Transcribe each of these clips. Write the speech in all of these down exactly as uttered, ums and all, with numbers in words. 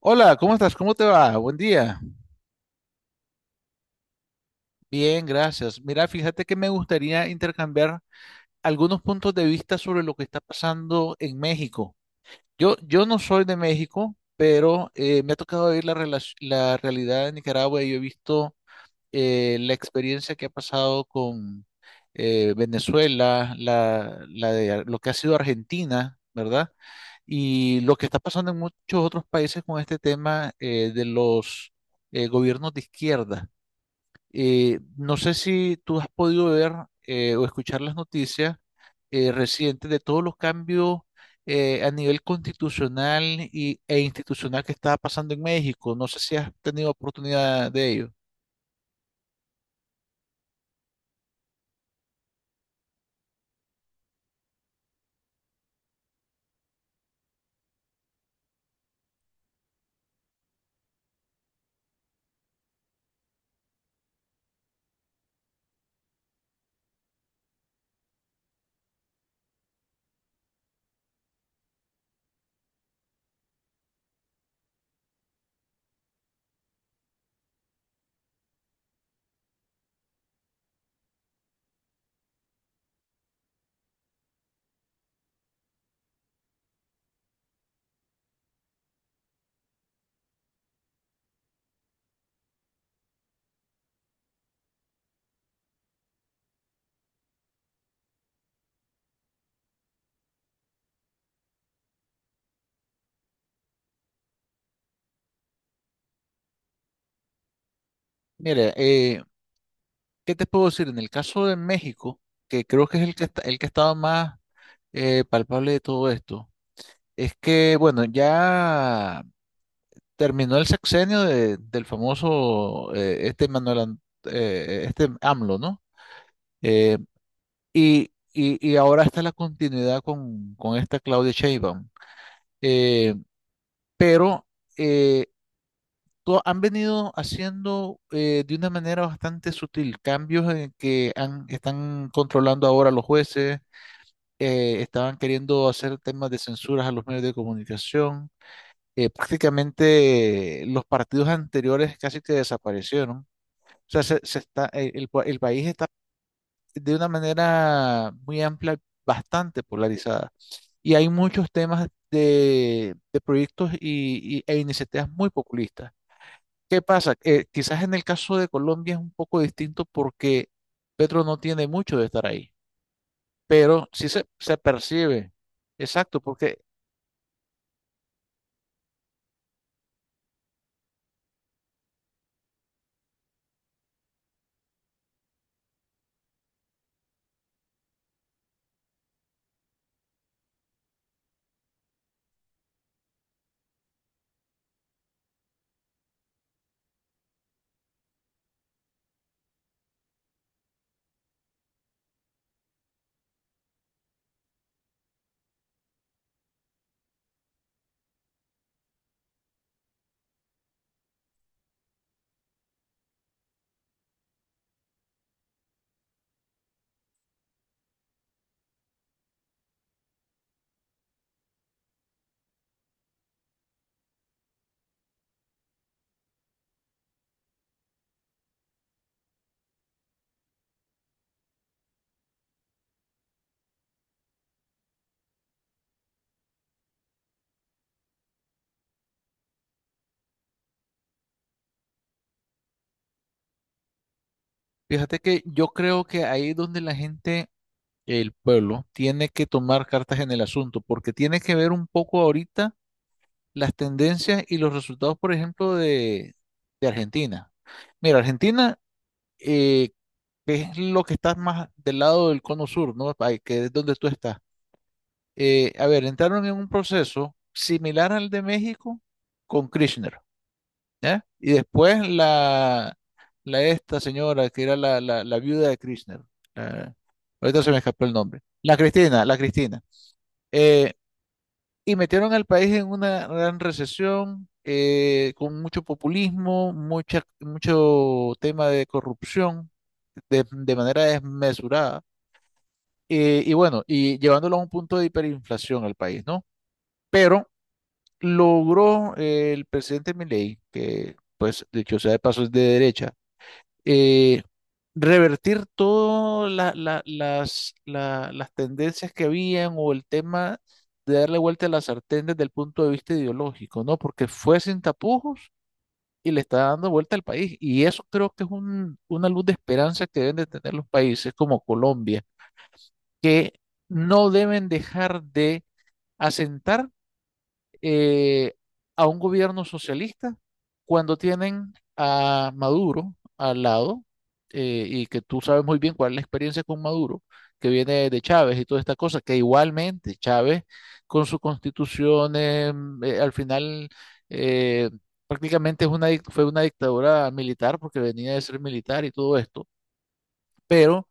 Hola, ¿cómo estás? ¿Cómo te va? Buen día. Bien, gracias. Mira, fíjate que me gustaría intercambiar algunos puntos de vista sobre lo que está pasando en México. Yo, yo no soy de México, pero eh, me ha tocado ver la, relac- la realidad de Nicaragua y yo he visto eh, la experiencia que ha pasado con eh, Venezuela, la, la de Ar- lo que ha sido Argentina, ¿verdad? Y lo que está pasando en muchos otros países con este tema eh, de los eh, gobiernos de izquierda. Eh, no sé si tú has podido ver eh, o escuchar las noticias eh, recientes de todos los cambios eh, a nivel constitucional y, e institucional que estaba pasando en México. No sé si has tenido oportunidad de ello. Mira, eh, ¿qué te puedo decir? En el caso de México, que creo que es el que está, el que ha estado más eh, palpable de todo esto, es que, bueno, ya terminó el sexenio de- del famoso eh, este Manuel, Ant- eh, este AMLO, ¿no? Eh, y, y- y ahora está la continuidad con, con esta Claudia Sheinbaum. Eh, pero eh, to- Han venido haciendo eh, de una manera bastante sutil cambios en que han- están controlando ahora a los jueces, eh, estaban queriendo hacer temas de censuras a los medios de comunicación. Eh, prácticamente eh, los partidos anteriores casi que desaparecieron. O sea, se, se está, el el pa- el país está de una manera muy amplia, bastante polarizada. Y hay muchos temas de, de proyectos y, y- e iniciativas muy populistas. ¿Qué pasa? Eh, quizás en el caso de Colombia es un poco distinto porque Petro no tiene mucho de estar ahí, pero sí se, se percibe. Exacto, porque fíjate que yo creo que ahí es donde la gente, el pueblo, tiene que tomar cartas en el asunto, porque tiene que ver un poco ahorita las tendencias y los resultados, por ejemplo, de, de Argentina. Mira, Argentina, eh, que es lo que está más del lado del cono sur, ¿no? Ahí, que es donde tú estás. Eh, a ver, entraron en un proceso similar al de México con Kirchner, ¿ya? Y después la, la esta señora que era la, la, la viuda de Kirchner, la- ahorita se me escapó el nombre, la Cristina, la Cristina. Eh, y metieron al país en una gran recesión, eh, con mucho populismo, mucha, mucho tema de corrupción de de manera desmesurada. Eh, y bueno, y llevándolo a un punto de hiperinflación al país, ¿no? Pero logró eh, el presidente Milei, que pues dicho sea de paso es de derecha, eh, revertir todas la- la- las, la- las tendencias que habían o el tema de darle vuelta a la sartén desde el punto de vista ideológico, ¿no? Porque fue sin tapujos y le está dando vuelta al país. Y eso creo que es un- una luz de esperanza que deben de tener los países como Colombia, que no deben dejar de asentar eh, a un gobierno socialista cuando tienen a Maduro al lado, eh, y que tú sabes muy bien cuál es la experiencia con Maduro, que viene de Chávez y toda esta cosa, que igualmente Chávez con su constitución eh, eh, al final eh, prácticamente es una, dic- fue una dictadura militar porque venía de ser militar y todo esto, pero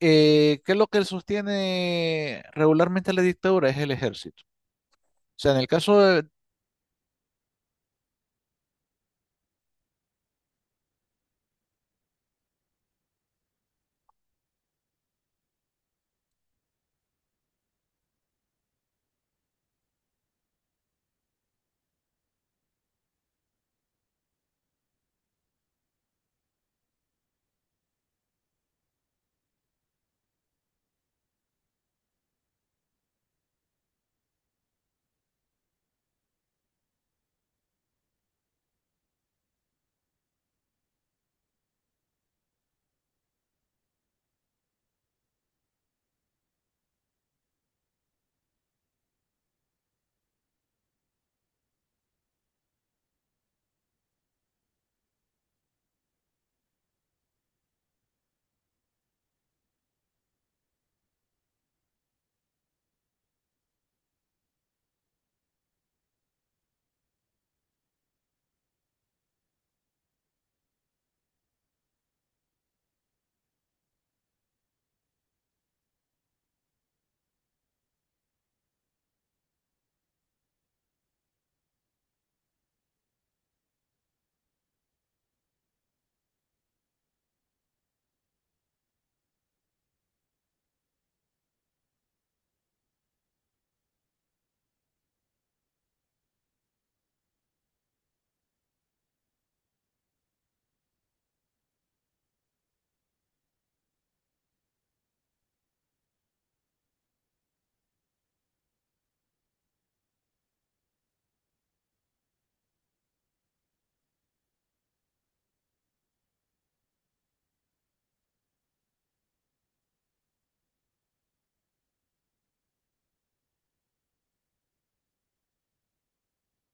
eh, ¿qué es lo que sostiene regularmente la dictadura? Es el ejército. O sea, en el caso de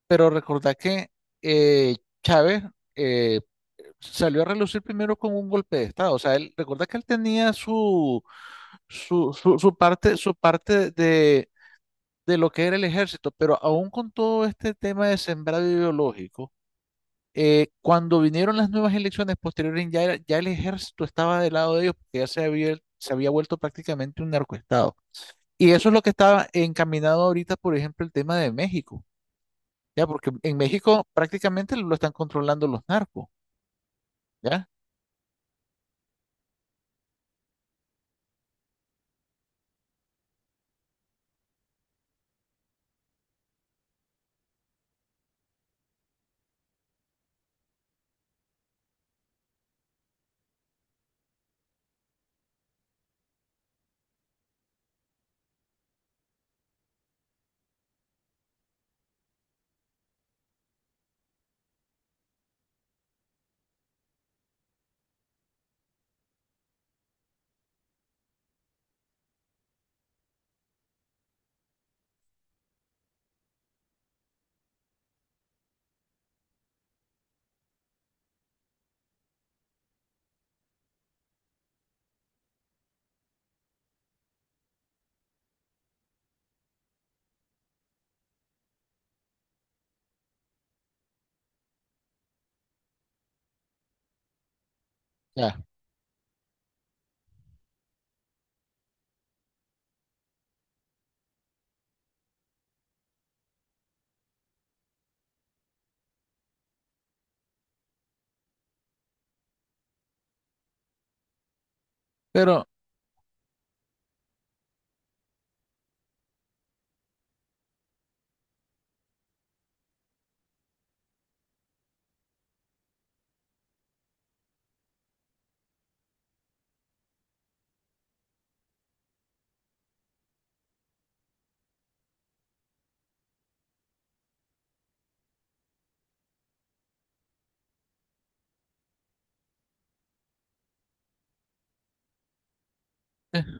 pero recordá que eh, Chávez eh, salió a relucir primero con un golpe de Estado. O sea, él, recuerda que él tenía su, su, su, su parte, su parte de, de lo que era el ejército, pero aún con todo este tema de sembrado ideológico, eh, cuando vinieron las nuevas elecciones posteriores, ya, era- ya el ejército estaba del lado de ellos, porque ya se había, se había vuelto prácticamente un narcoestado. Y eso es lo que estaba encaminado ahorita, por ejemplo, el tema de México ya, porque en México prácticamente lo están controlando los narcos, ya, ya. Pero, eh,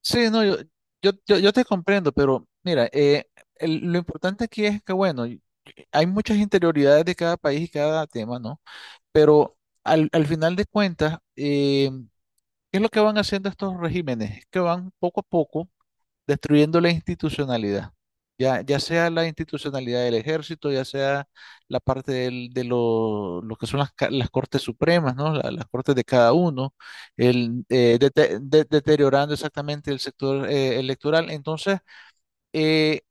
sí, no, yo, yo, yo, yo te comprendo, pero mira, eh, el- lo importante aquí es que, bueno, y- eh, hay muchas interioridades de cada país y cada tema, ¿no? Pero al, al final de cuentas, eh, ¿qué es lo que van haciendo estos regímenes? Es que van poco a poco, destruyendo la institucionalidad, ya, ya sea la institucionalidad del ejército, ya sea la parte del- de lo, lo que son las, ca- las cortes supremas, ¿no? La- las cortes de cada uno, el, eh, dete- de- deteriorando exactamente el sector eh, electoral. Entonces, eh,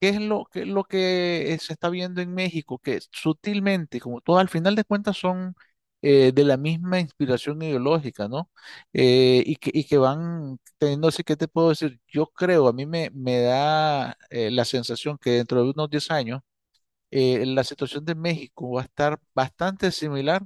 ¿qué es lo, ¿qué es lo que eh, se está viendo en México? Que sutilmente, como todo, al final de cuentas son eh, de la misma inspiración ideológica, ¿no? Eh, y que, y que van teniendo, así que te puedo decir, yo creo, a mí me, me da eh, la sensación que dentro de unos diez años, eh, la situación de México va a estar bastante similar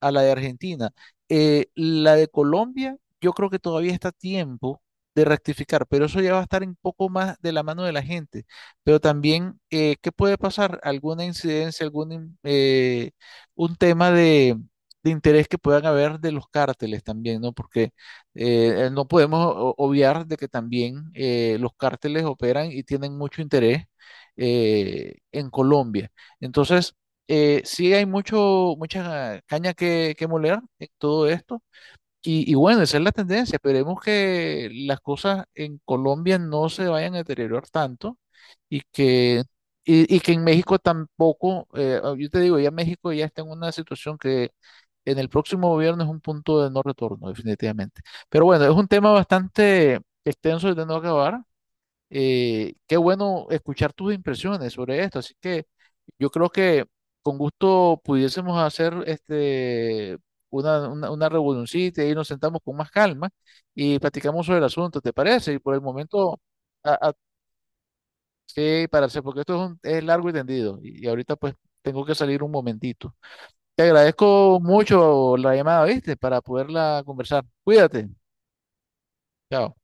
a la de Argentina. Eh, la de Colombia, yo creo que todavía está a tiempo de rectificar, pero eso ya va a estar un poco más de la mano de la gente. Pero también, eh, ¿qué puede pasar? ¿Alguna incidencia, algún in- eh, un tema de, de interés que puedan haber de los cárteles también, ¿no? Porque eh, eh, no podemos o- obviar de que también eh, los cárteles operan y tienen mucho interés eh, en Colombia. Entonces, eh, sí hay mucho, mucha caña que, que moler en todo esto. Y, y bueno, esa es la tendencia. Esperemos que las cosas en Colombia no se vayan a deteriorar tanto y que, y, y que en México tampoco, eh, ah, yo te digo, ya México ya está en una situación que en el próximo gobierno es un punto de no retorno, definitivamente. Pero bueno, es un tema bastante extenso y de no acabar. Eh, qué bueno escuchar tus impresiones sobre esto. Así que yo creo que con gusto pudiésemos hacer este, una, una, una reunioncita y nos sentamos con más calma y platicamos sobre el asunto, ¿te parece? Y por el momento, a, a- sí, para hacer, porque esto es, un- es largo y tendido y, y ahorita pues tengo que salir un momentito. Te agradezco mucho la llamada, ¿viste? Para poderla conversar. Cuídate. Chao.